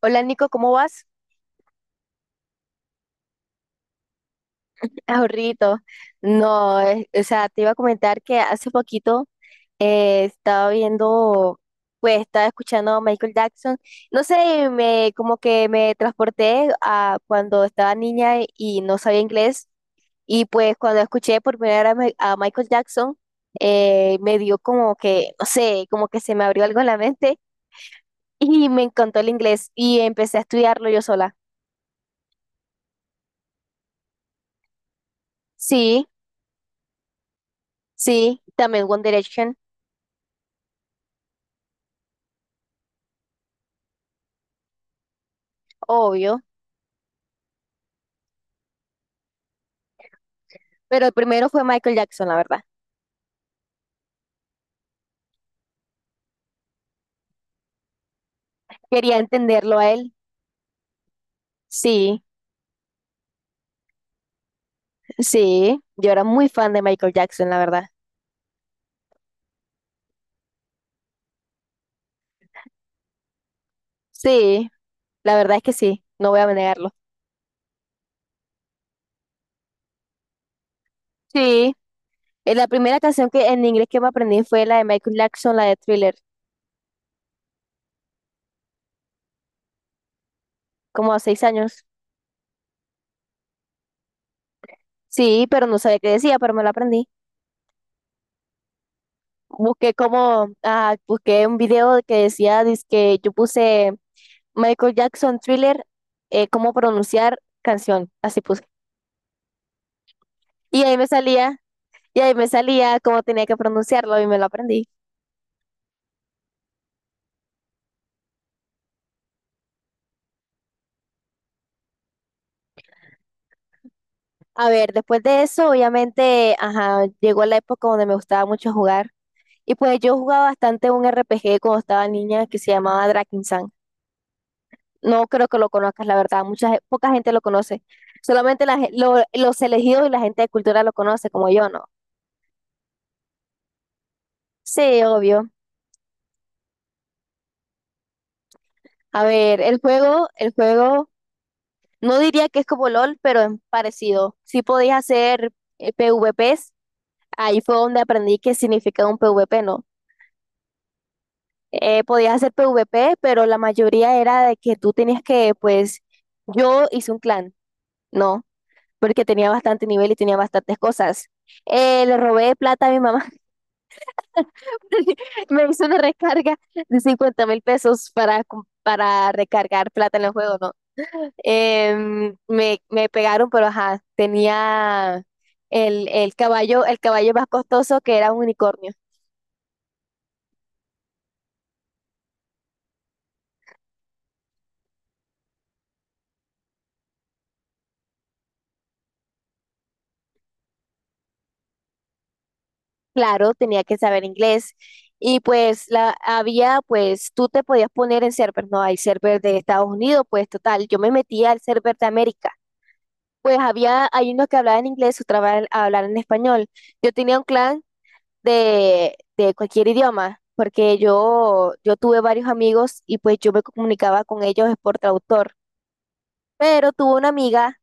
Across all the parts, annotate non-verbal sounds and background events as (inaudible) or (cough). Hola Nico, ¿cómo vas? Ahorrito. No, o sea, te iba a comentar que hace poquito estaba viendo, pues estaba escuchando a Michael Jackson. No sé, me como que me transporté a cuando estaba niña y no sabía inglés. Y pues cuando escuché por primera vez a Michael Jackson, me dio como que, no sé, como que se me abrió algo en la mente y me encantó el inglés y empecé a estudiarlo yo sola. Sí, sí, también One Direction. Obvio, pero el primero fue Michael Jackson, la verdad. Quería entenderlo a él. Sí, sí, yo era muy fan de Michael Jackson, la verdad. Sí, la verdad es que sí, no voy a negarlo. Sí, la primera canción que en inglés que me aprendí fue la de Michael Jackson, la de Thriller, como a 6 años. Sí, pero no sabía qué decía, pero me la aprendí. Busqué como, ah, busqué un video que decía, que yo puse Michael Jackson Thriller, cómo pronunciar canción, así puse. Y ahí me salía Y ahí me salía cómo tenía que pronunciarlo y me lo aprendí. A ver, después de eso, obviamente, ajá, llegó la época donde me gustaba mucho jugar. Y pues yo jugaba bastante un RPG cuando estaba niña que se llamaba Drakensang. No creo que lo conozcas, la verdad. Poca gente lo conoce. Solamente los elegidos y la gente de cultura lo conoce, como yo, ¿no? Sí, obvio. A ver, el juego, no diría que es como LOL, pero es parecido. Sí podías hacer PvPs. Ahí fue donde aprendí qué significaba un PvP, ¿no? Podías hacer PvP, pero la mayoría era de que tú tenías que, pues, yo hice un clan, ¿no? Porque tenía bastante nivel y tenía bastantes cosas. Le robé plata a mi mamá. (laughs) Me hizo una recarga de 50.000 pesos para, para recargar plata en el juego, ¿no? Me pegaron, pero ajá, tenía el caballo, el caballo más costoso que era un unicornio. Claro, tenía que saber inglés. Y pues la había, pues tú te podías poner en servers, no hay server de Estados Unidos, pues total, yo me metía al server de América. Pues había, hay unos que hablaban inglés, otros hablaban en español. Yo tenía un clan de cualquier idioma, porque yo tuve varios amigos y pues yo me comunicaba con ellos por traductor. Pero tuve una amiga,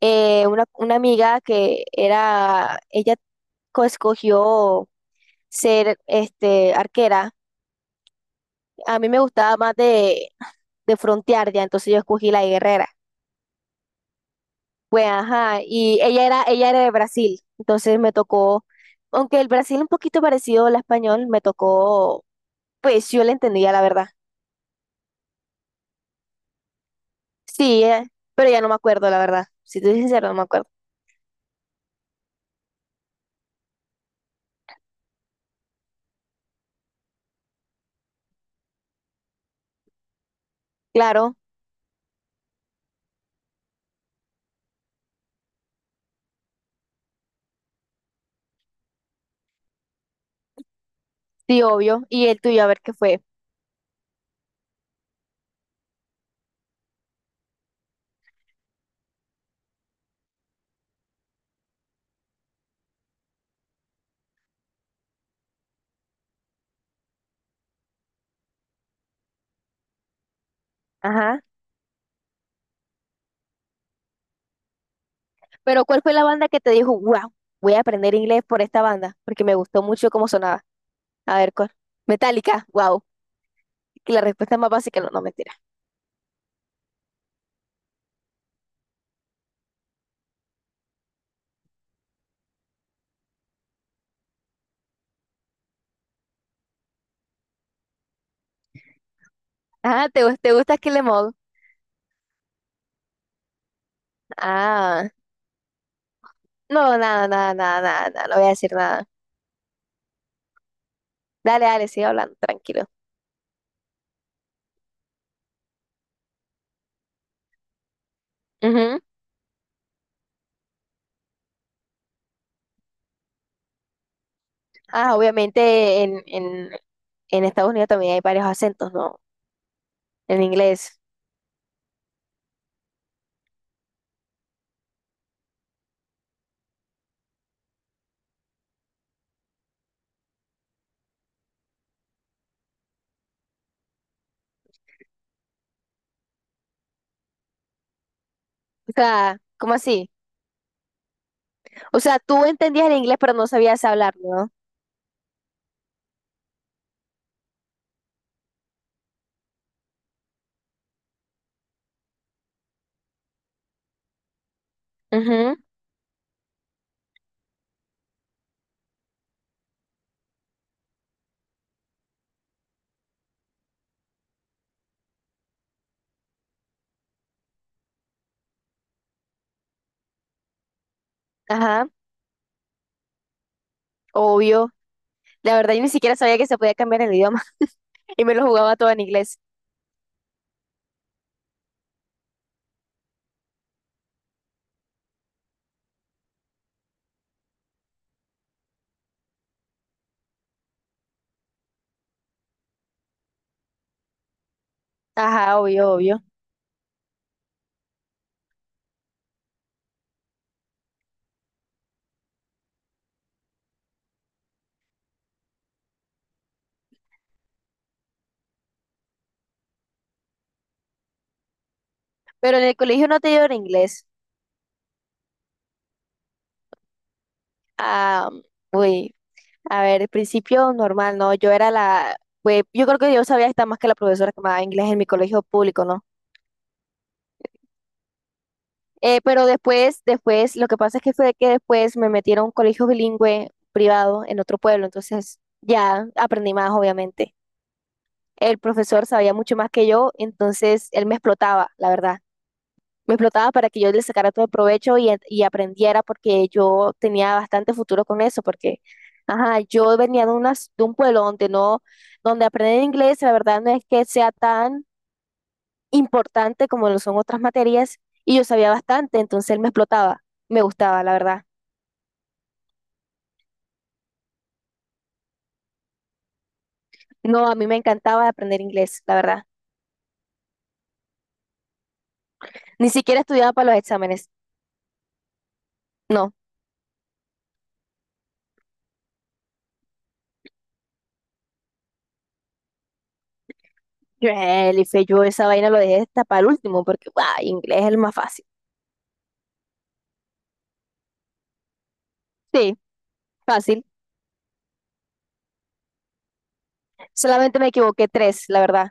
una amiga que era, ella escogió ser este, arquera. A mí me gustaba más de frontear ya, entonces yo escogí la de guerrera. Pues ajá, y ella era de Brasil, entonces me tocó, aunque el Brasil un poquito parecido al español, me tocó, pues yo la entendía, la verdad. Sí, pero ya no me acuerdo, la verdad. Si te soy sincero, no me acuerdo. Claro, sí, obvio. Y el tuyo, a ver qué fue. Ajá. Pero ¿cuál fue la banda que te dijo, wow, voy a aprender inglés por esta banda? Porque me gustó mucho cómo sonaba. A ver, ¿cuál? Metallica, wow. Que la respuesta es más básica, no, no, mentira. Ah, ¿te, te gusta Kill 'Em All? Ah, no, nada, nada, nada, nada, nada, no voy a decir nada. Dale, dale, sigue hablando, tranquilo. Ujú. Ah, obviamente en Estados Unidos también hay varios acentos, ¿no? En inglés. O sea, ¿cómo así? O sea, tú entendías el inglés, pero no sabías hablar, ¿no? Ujú. Ajá, obvio. La verdad, yo ni siquiera sabía que se podía cambiar el idioma (laughs) y me lo jugaba todo en inglés. Ajá, obvio, obvio. Pero en el colegio no te dieron inglés. Ah, uy. A ver, al principio normal, ¿no? Pues yo creo que yo sabía estar más que la profesora que me daba inglés en mi colegio público, ¿no? Pero después, lo que pasa es que fue que después me metieron a un colegio bilingüe privado en otro pueblo, entonces ya aprendí más, obviamente. El profesor sabía mucho más que yo, entonces él me explotaba, la verdad. Me explotaba para que yo le sacara todo el provecho y, y aprendiera porque yo tenía bastante futuro con eso, porque, ajá, yo venía de un pueblo donde no, donde aprender inglés, la verdad no es que sea tan importante como lo son otras materias y yo sabía bastante, entonces él me explotaba, me gustaba, la verdad. No, a mí me encantaba aprender inglés, la verdad. Ni siquiera estudiaba para los exámenes, no. Yo, Elife, yo esa vaina lo dejé hasta para el último porque, guau, inglés es el más fácil. Sí, fácil. Solamente me equivoqué tres, la verdad.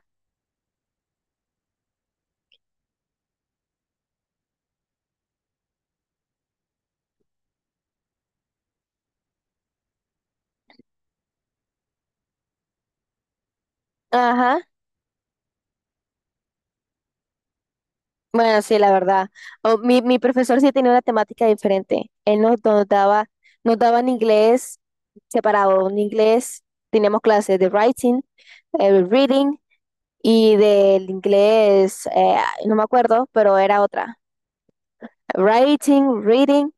Ajá, bueno, sí, la verdad. Mi, mi profesor sí tenía una temática diferente. Él nos daba en inglés separado. En inglés teníamos clases de writing, reading y del inglés, no me acuerdo, pero era otra. Writing, reading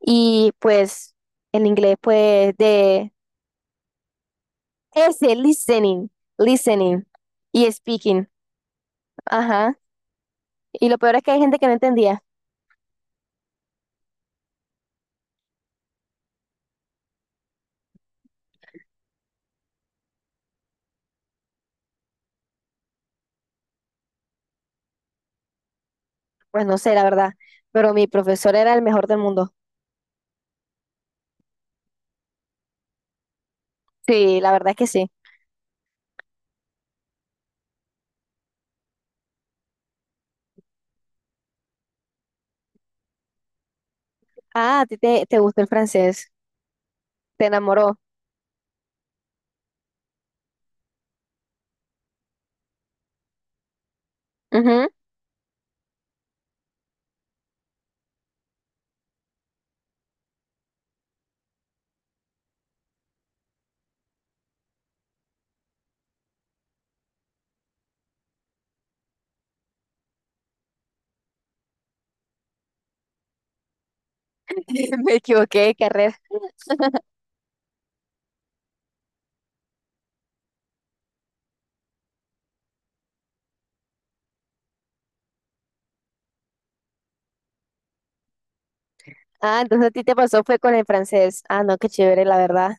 y pues el inglés pues de listening, listening y speaking. Ajá. Y lo peor es que hay gente que no entendía. Pues no sé, la verdad, pero mi profesor era el mejor del mundo. Sí, la verdad es que sí. Ah, a ti te gustó el francés, te enamoró. Ujú. (laughs) Me equivoqué de carrera. Ah, entonces a ti te pasó fue con el francés. Ah, no, qué chévere, la verdad.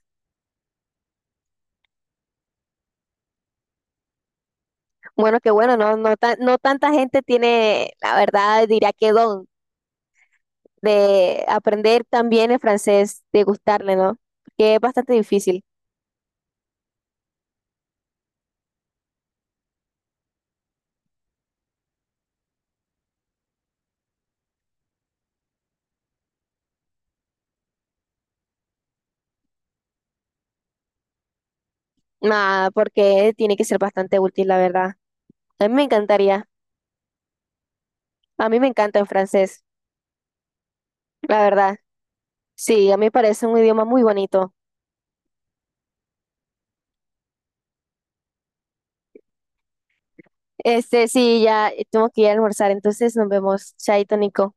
Bueno, qué bueno, no, no, no tanta gente tiene, la verdad, diría que don de aprender también el francés, de gustarle, ¿no? Que es bastante difícil. Ah, porque tiene que ser bastante útil, la verdad. A mí me encantaría. A mí me encanta el francés, la verdad. Sí, a mí me parece un idioma muy bonito. Este, sí, ya tengo que ir a almorzar, entonces nos vemos. Chaito, Nico.